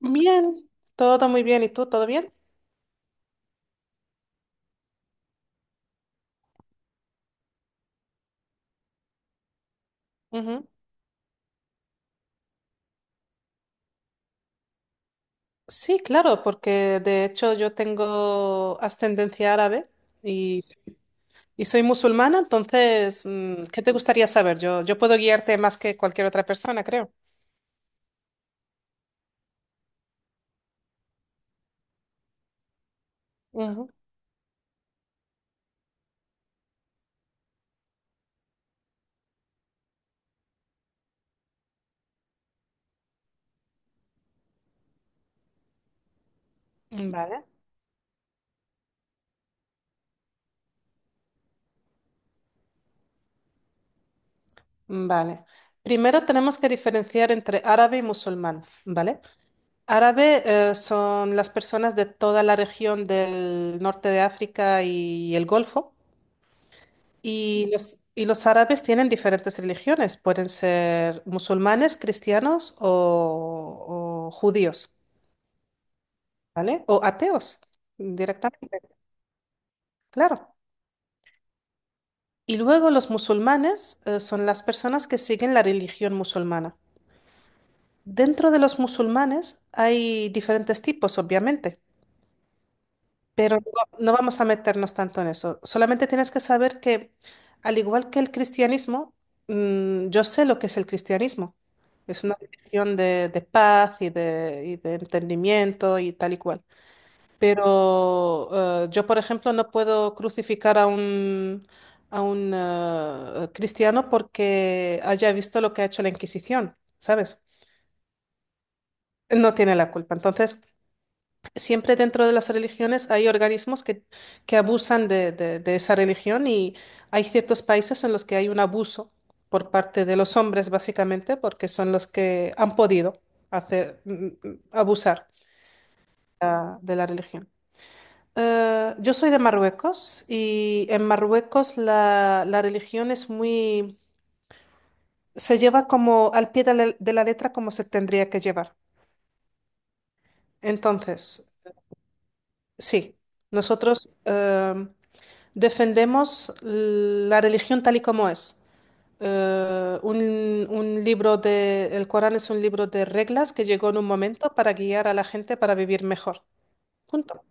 Bien, todo muy bien. ¿Y tú, todo bien? Ujú. Sí, claro, porque de hecho yo tengo ascendencia árabe y, y soy musulmana, entonces, ¿qué te gustaría saber? Yo puedo guiarte más que cualquier otra persona, creo. Ujú. Vale. Vale. Primero tenemos que diferenciar entre árabe y musulmán, ¿vale? Árabe, son las personas de toda la región del norte de África y el Golfo. Y los árabes tienen diferentes religiones, pueden ser musulmanes, cristianos o judíos, ¿vale? O ateos directamente, claro. Y luego los musulmanes son las personas que siguen la religión musulmana. Dentro de los musulmanes hay diferentes tipos, obviamente. Pero no, no vamos a meternos tanto en eso. Solamente tienes que saber que, al igual que el cristianismo, yo sé lo que es el cristianismo. Es una religión de paz y de entendimiento y tal y cual. Pero yo, por ejemplo, no puedo crucificar a un cristiano porque haya visto lo que ha hecho la Inquisición, ¿sabes? No tiene la culpa. Entonces, siempre dentro de las religiones hay organismos que abusan de esa religión y hay ciertos países en los que hay un abuso por parte de los hombres, básicamente, porque son los que han podido hacer, abusar de la religión. Yo soy de Marruecos y en Marruecos la, la religión es se lleva como al pie de la letra como se tendría que llevar. Entonces, sí, nosotros defendemos la religión tal y como es. El Corán es un libro de reglas que llegó en un momento para guiar a la gente para vivir mejor. Punto.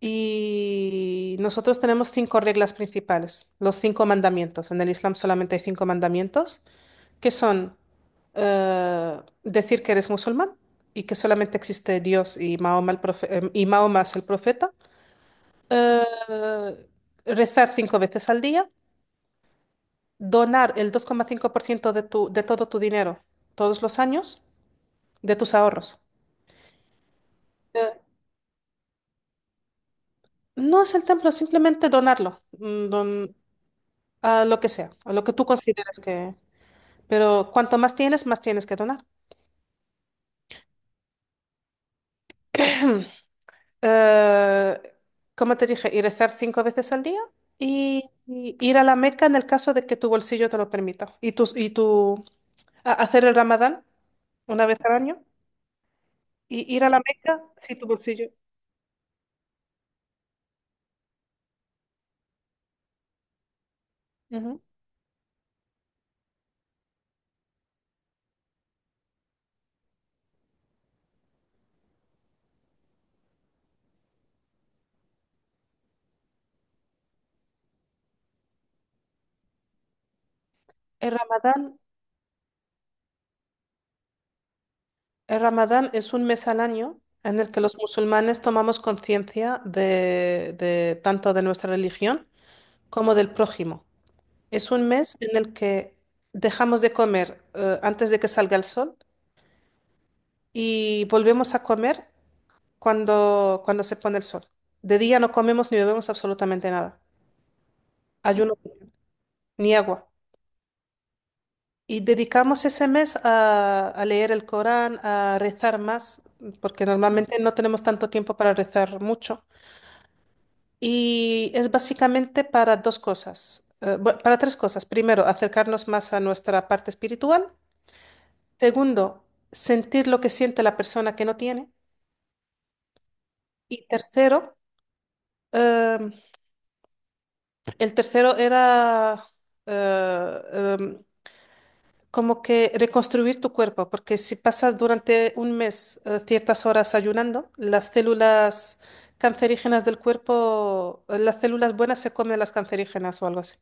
Y nosotros tenemos cinco reglas principales, los cinco mandamientos. En el Islam solamente hay cinco mandamientos, que son decir que eres musulmán y que solamente existe Dios y Mahoma, y Mahoma es el profeta, eh, rezar cinco veces al día donar el 2,5% de todo tu dinero todos los años, de tus ahorros. Eh, no es el templo, simplemente donarlo, a lo que sea, a lo que tú consideres que... Pero cuanto más tienes que donar. Eh, Como te dije, y rezar cinco veces al día y ir a la Meca en el caso de que tu bolsillo te lo permita. Y tus y tu, a- hacer el Ramadán una vez al año y ir a la Meca si tu bolsillo. Ujú. El Ramadán El Ramadán es un mes al año en el que los musulmanes tomamos conciencia de tanto de nuestra religión como del prójimo. Es un mes en el que dejamos de comer antes de que salga el sol y volvemos a comer cuando se pone el sol. De día no comemos ni bebemos absolutamente nada, ayuno ni agua. Y dedicamos ese mes a leer el Corán, a rezar más, porque normalmente no tenemos tanto tiempo para rezar mucho. Y es básicamente para dos cosas, para tres cosas. Primero, acercarnos más a nuestra parte espiritual. Segundo, sentir lo que siente la persona que no tiene. Y tercero, em, el tercero era eh, em, como que reconstruir tu cuerpo, porque si pasas durante un mes ciertas horas ayunando, las células cancerígenas del cuerpo, las células buenas se comen las cancerígenas o algo así.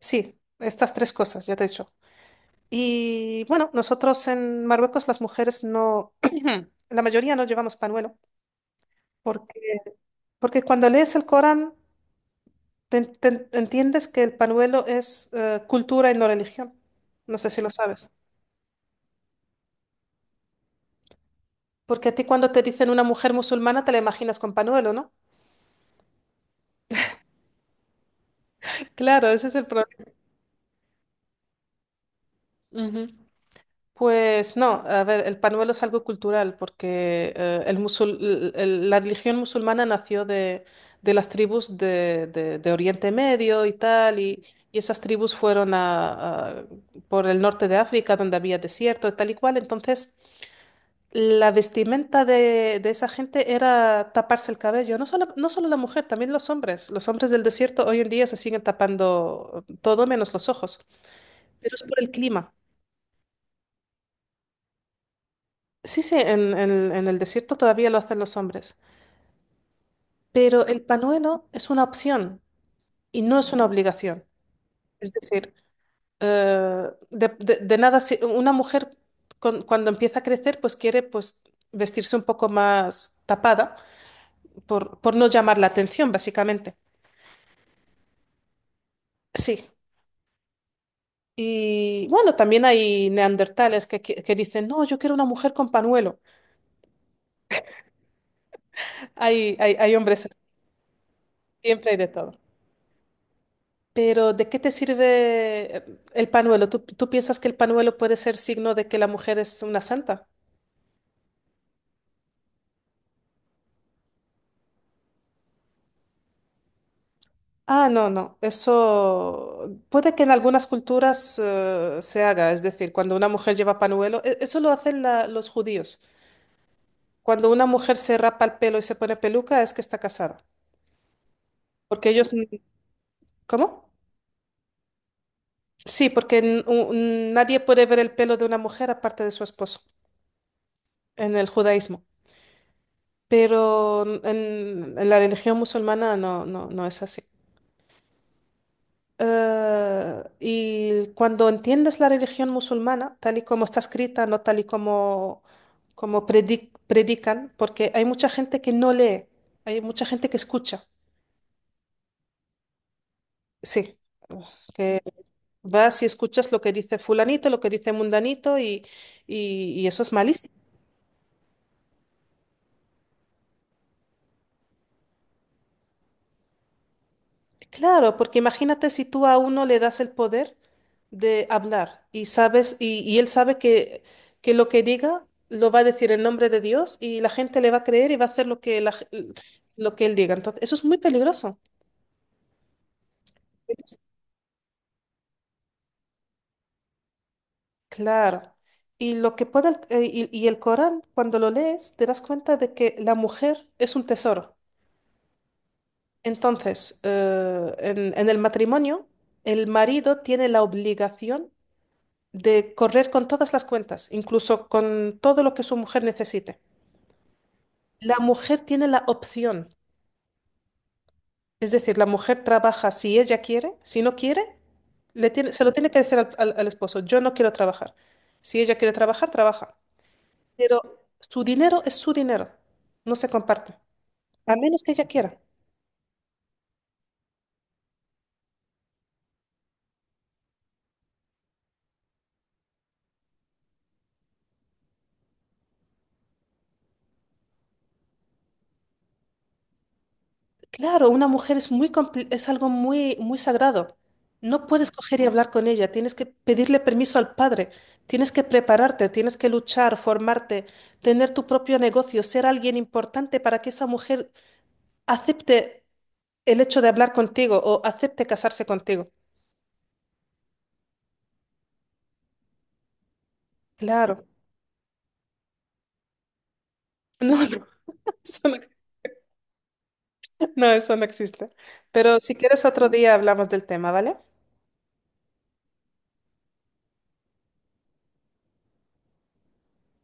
Sí, estas tres cosas, ya te he dicho. Y bueno, nosotros en Marruecos las mujeres no, la mayoría no llevamos panuelo, porque, porque cuando lees el Corán entiendes que el panuelo es cultura y no religión. No sé si lo sabes. Porque a ti cuando te dicen una mujer musulmana te la imaginas con panuelo, ¿no? Claro, ese es el problema. Ujú. Pues no, a ver, el pañuelo es algo cultural porque el musul- el- la religión musulmana nació de las tribus de Oriente Medio y tal, y esas tribus fueron por el norte de África donde había desierto y tal y cual, entonces la vestimenta de esa gente era taparse el cabello, no solo, no solo la mujer, también los hombres. Los hombres del desierto hoy en día se siguen tapando todo menos los ojos, pero es por el clima. Sí, sí, en el desierto todavía lo hacen los hombres, pero el panuelo es una opción y no es una obligación. Es decir, de nada, si- una mujer cuando empieza a crecer, pues quiere pues, vestirse un poco más tapada por no llamar la atención, básicamente. Sí. Y bueno, también hay neandertales que, que dicen, no, yo quiero una mujer con panuelo. Hay hombres, siempre hay de todo. Pero ¿de qué te sirve el panuelo? ¿Tú, tú piensas que el panuelo puede ser signo de que la mujer es una santa? Ah, no, no. Eso puede que en algunas culturas se haga. Es decir, cuando una mujer lleva panuelo, eso lo hacen los judíos. Cuando una mujer se rapa el pelo y se pone peluca es que está casada. Porque ellos... ¿Cómo? Sí, porque nadie puede ver el pelo de una mujer aparte de su esposo en el judaísmo. Pero en la religión musulmana no, no, no es así. Y cuando entiendes la religión musulmana, tal y como está escrita, no tal y como predican, porque hay mucha gente que no lee, hay mucha gente que escucha, sí, que vas y escuchas lo que dice fulanito, lo que dice mundanito, y eso es malísimo. Claro, porque imagínate si tú a uno le das el poder de hablar y sabes, y él sabe que lo que diga lo va a decir en nombre de Dios y la gente le va a creer y va a hacer lo que, lo que él diga. Entonces, eso es muy peligroso. Claro. Y lo que puede el Corán, cuando lo lees, te das cuenta de que la mujer es un tesoro. Entonces, en el matrimonio, el marido tiene la obligación de correr con todas las cuentas, incluso con todo lo que su mujer necesite. La mujer tiene la opción, es decir, la mujer trabaja si ella quiere, si no quiere, se lo tiene que decir al esposo, yo no quiero trabajar. Si ella quiere trabajar, trabaja. Pero su dinero es su dinero, no se comparte, a menos que ella quiera. Claro, una mujer es muy es algo muy muy sagrado. No puedes coger y hablar con ella, tienes que pedirle permiso al padre, tienes que prepararte, tienes que luchar, formarte, tener tu propio negocio, ser alguien importante para que esa mujer acepte el hecho de hablar contigo o acepte casarse contigo. Claro. No, no, eso no, no, eso no existe. Pero si quieres otro día hablamos del tema, ¿vale?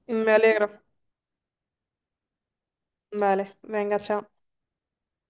Me alegro. Vale, venga, chao.